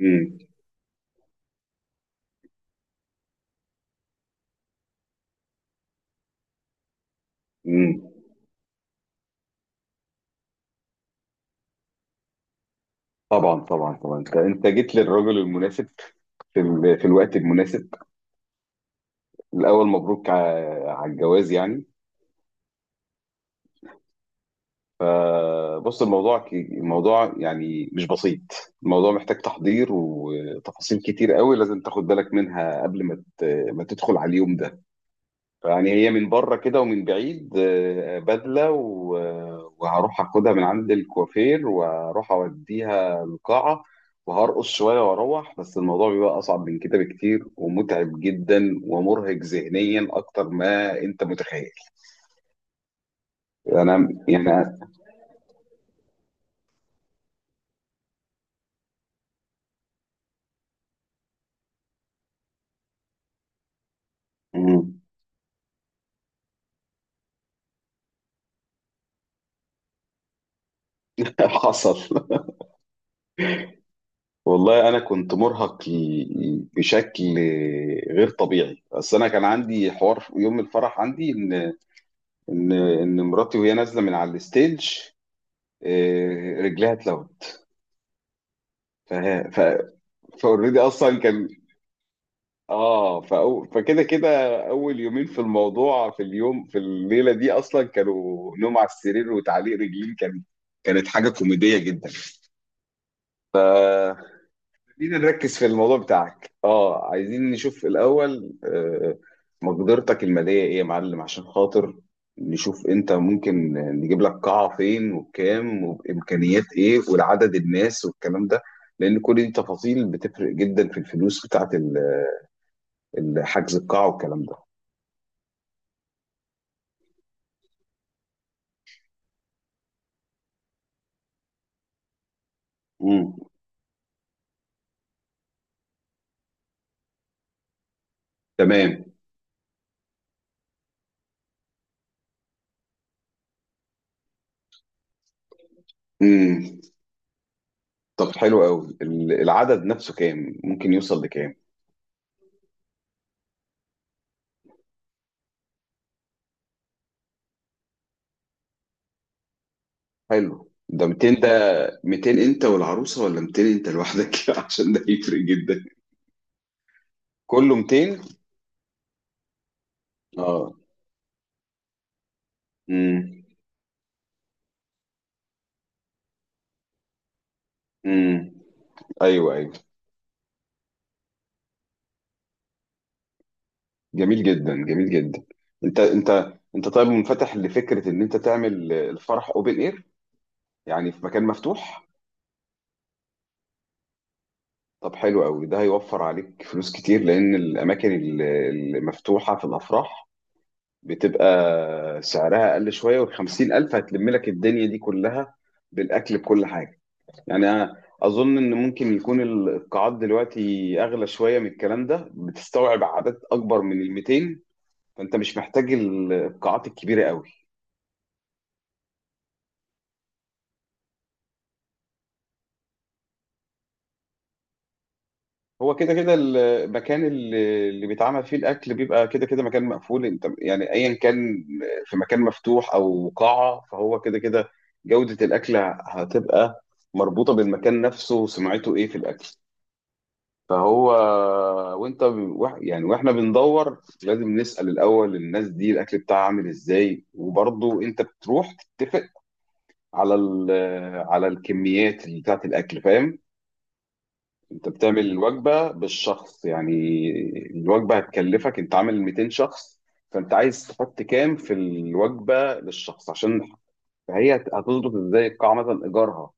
امم، امم، طبعا طبعا طبعا، انت جيت للراجل المناسب في الوقت المناسب. الاول مبروك على الجواز يعني. فبص الموضوع الموضوع يعني مش بسيط. الموضوع محتاج تحضير وتفاصيل كتير قوي لازم تاخد بالك منها قبل ما تدخل على اليوم ده. فيعني هي من بره كده ومن بعيد، بدلة، وهروح اخدها من عند الكوافير واروح اوديها القاعة وهرقص شوية واروح، بس الموضوع بيبقى اصعب من كده بكتير ومتعب جدا ومرهق ذهنيا اكتر ما انت متخيل. انا يعني مم. حصل. والله انا كنت مرهق بشكل غير طبيعي، بس انا كان عندي حوار في يوم الفرح. عندي ان ان مراتي وهي نازله من على الستيج، رجليها اتلوت. فه- ف- فاوريدي اصلا كان. فكده كده اول يومين في الموضوع، في اليوم، في الليله دي اصلا، كانوا نوم على السرير وتعليق رجلين كانت حاجه كوميديه جدا. خلينا نركز في الموضوع بتاعك. اه عايزين نشوف الاول، مقدرتك الماليه ايه يا معلم، عشان خاطر نشوف انت ممكن نجيب لك قاعه فين وبكام وبامكانيات ايه والعدد الناس والكلام ده. لان كل دي تفاصيل بتفرق جدا في الفلوس بتاعت حجز القاعه والكلام ده. مم. تمام. مم. طب حلو قوي، العدد نفسه كام؟ ممكن يوصل لكام؟ حلو، ده 200. 200 انت والعروسه، ولا 200 انت لوحدك؟ عشان ده يفرق جدا. كله 200. اه، امم، امم، ايوه ايوه، جميل جدا، جميل جدا. انت طيب، منفتح لفكره ان انت تعمل الفرح اوبن اير؟ يعني في مكان مفتوح. طب حلو قوي، ده هيوفر عليك فلوس كتير لان الاماكن المفتوحه في الافراح بتبقى سعرها اقل شويه، وال 50,000 هتلم لك الدنيا دي كلها بالاكل بكل حاجه. يعني أنا أظن إن ممكن يكون القاعات دلوقتي أغلى شوية من الكلام ده، بتستوعب عدد أكبر من ال 200، فأنت مش محتاج القاعات الكبيرة قوي. هو كده كده المكان اللي بيتعمل فيه الأكل بيبقى كده كده مكان مقفول، أنت يعني أيا كان في مكان مفتوح أو قاعة، فهو كده كده جودة الأكل هتبقى مربوطة بالمكان نفسه وسمعته إيه في الأكل. فهو وانت ب- وإح- يعني واحنا بندور، لازم نسأل الاول الناس دي الاكل بتاعها عامل ازاي، وبرضه انت بتروح تتفق على ال- على الكميات اللي بتاعت الاكل، فاهم؟ انت بتعمل الوجبة بالشخص يعني، الوجبة هتكلفك انت عامل 200 شخص، فانت عايز تحط كام في الوجبة للشخص، عشان هتظبط ازاي. القاعة مثلا ايجارها،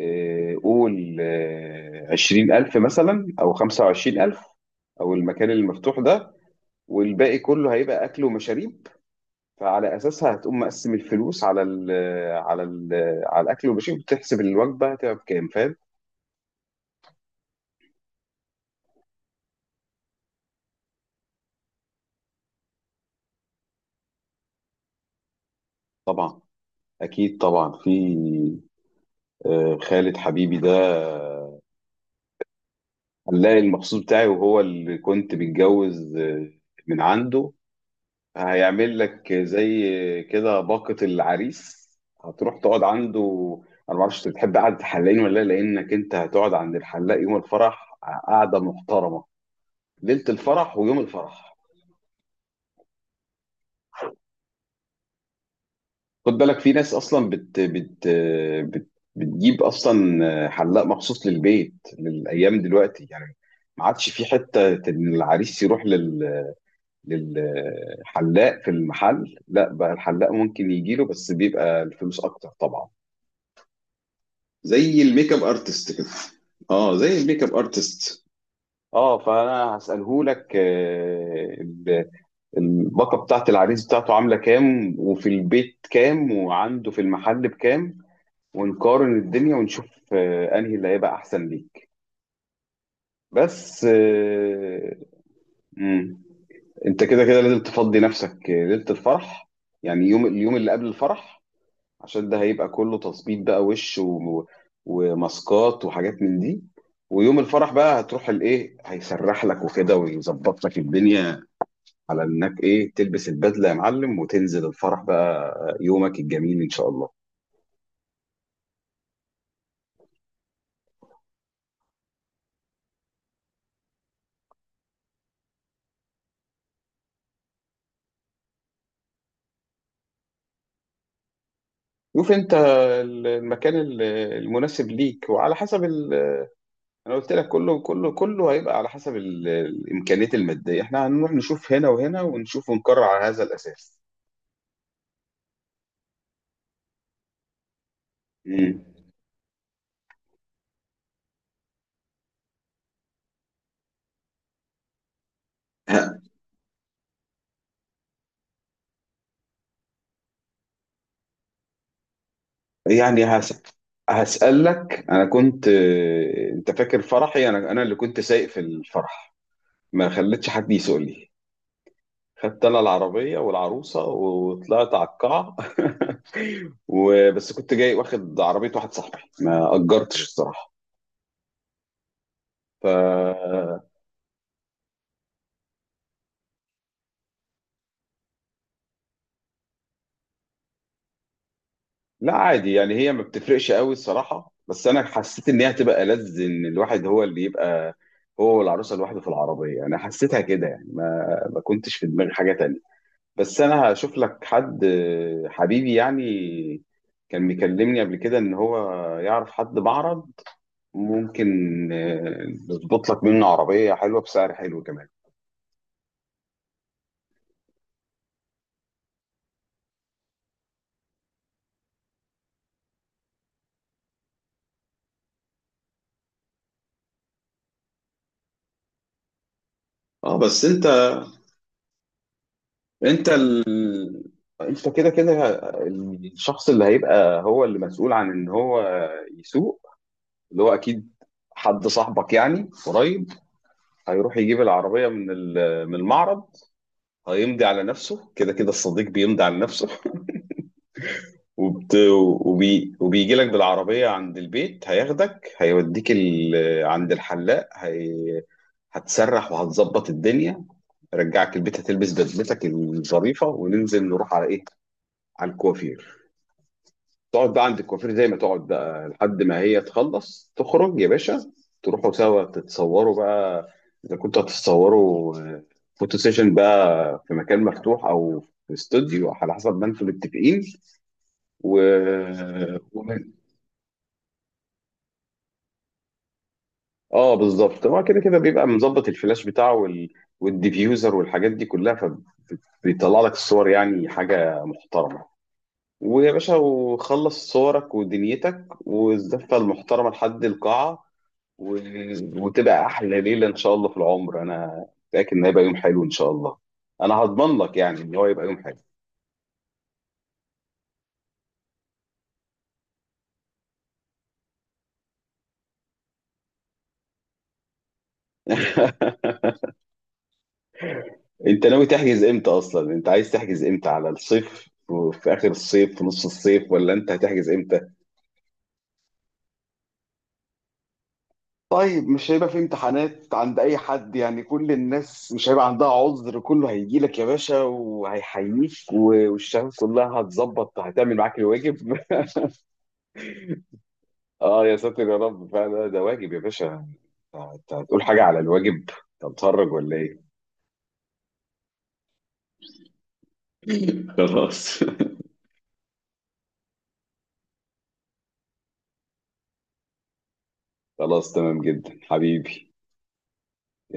قول 20,000 مثلا أو 25,000، أو المكان المفتوح ده، والباقي كله هيبقى أكل ومشاريب. فعلى أساسها هتقوم مقسم الفلوس على ال على الأكل والمشاريب، وتحسب الوجبة هتبقى بكام، فاهم؟ طبعا أكيد طبعا. في خالد حبيبي ده هنلاقي المخصوص بتاعي، وهو اللي كنت متجوز من عنده، هيعمل لك زي كده باقة العريس، هتروح تقعد عنده. انا ما اعرفش انت بتحب قعدة الحلاقين ولا لا، لانك انت هتقعد عند الحلاق يوم الفرح قعدة محترمة، ليلة الفرح ويوم الفرح. خد بالك، في ناس اصلا بت بت بت بتجيب اصلا حلاق مخصوص للبيت للايام دلوقتي يعني. ما عادش في حتة ان العريس يروح للحلاق في المحل، لا بقى الحلاق ممكن يجيله، بس بيبقى الفلوس اكتر طبعا. زي الميك اب ارتست كده. اه زي الميك اب ارتست. اه فانا هساله لك الباقه بتاعت العريس بتاعته عامله كام، وفي البيت كام، وعنده في المحل بكام، ونقارن الدنيا ونشوف انهي اللي هيبقى احسن ليك. بس آه، مم، انت كده كده لازم تفضي نفسك ليله الفرح، يعني اليوم اللي قبل الفرح، عشان ده هيبقى كله تظبيط بقى، وش وماسكات وحاجات من دي. ويوم الفرح بقى هتروح الايه، هيسرح لك وكده، ويظبط لك الدنيا على انك ايه تلبس البدله يا معلم وتنزل الفرح بقى، يومك الجميل ان شاء الله. شوف انت المكان المناسب ليك وعلى حسب انا قلت لك كله هيبقى على حسب الامكانيات الماديه. احنا هنروح نشوف هنا وهنا ونشوف ونقرر على هذا الاساس. مم. يعني هسألك. أنا كنت آه، أنت فاكر فرحي؟ أنا اللي كنت سايق في الفرح، ما خليتش حد يسوق لي، خدت أنا العربية والعروسة وطلعت على القاعة. وبس كنت جاي واخد عربية واحد صاحبي، ما أجرتش الصراحة. ف لا عادي يعني، هي ما بتفرقش قوي الصراحة، بس أنا حسيت إن هي هتبقى ألذ إن الواحد هو اللي يبقى هو والعروسة لوحده في العربية. أنا حسيتها كده يعني، ما كنتش في دماغي حاجة تانية. بس انا هشوف لك حد حبيبي يعني، كان مكلمني قبل كده ان هو يعرف حد معرض، ممكن نظبط لك منه عربية حلوة بسعر حلو كمان. اه بس انت ال... انت كده كده الشخص اللي هيبقى هو اللي مسؤول عن ان هو يسوق، اللي هو اكيد حد صاحبك يعني قريب، هيروح يجيب العربية من المعرض. هيمضي على نفسه، كده كده الصديق بيمضي على نفسه، وبت... وبيجي لك بالعربية عند البيت، هياخدك، هيوديك عند الحلاق، هتسرح وهتظبط الدنيا، رجعك البيت هتلبس بدلتك الظريفة وننزل نروح على ايه، على الكوافير. تقعد بقى عند الكوافير زي ما تقعد بقى لحد ما هي تخلص تخرج يا باشا، تروحوا سوا تتصوروا بقى اذا كنتوا هتتصوروا فوتو سيشن بقى في مكان مفتوح او في استوديو على حسب ما انتم متفقين. و... اه بالظبط، هو كده كده بيبقى مظبط الفلاش بتاعه والديفيوزر والحاجات دي كلها، فبيطلع لك الصور يعني حاجه محترمه. ويا باشا، وخلص صورك ودنيتك، والزفه المحترمه لحد القاعه، و... وتبقى احلى ليله ان شاء الله في العمر. انا متاكد ان هيبقى يوم حلو ان شاء الله، انا هضمن لك يعني ان هو يبقى يوم حلو. انت ناوي تحجز امتى اصلا، انت عايز تحجز امتى، على الصيف؟ في اخر الصيف؟ في نص الصيف؟ ولا انت هتحجز امتى؟ طيب، مش هيبقى في امتحانات عند اي حد يعني، كل الناس مش هيبقى عندها عذر، كله هيجي لك يا باشا وهيحييك، والشمس كلها هتظبط هتعمل معاك الواجب. اه يا ساتر يا رب، فعلا ده واجب يا باشا. انت هتقول حاجة على الواجب، انت متخرج ولا ايه؟ خلاص. خلاص، تمام جدا حبيبي.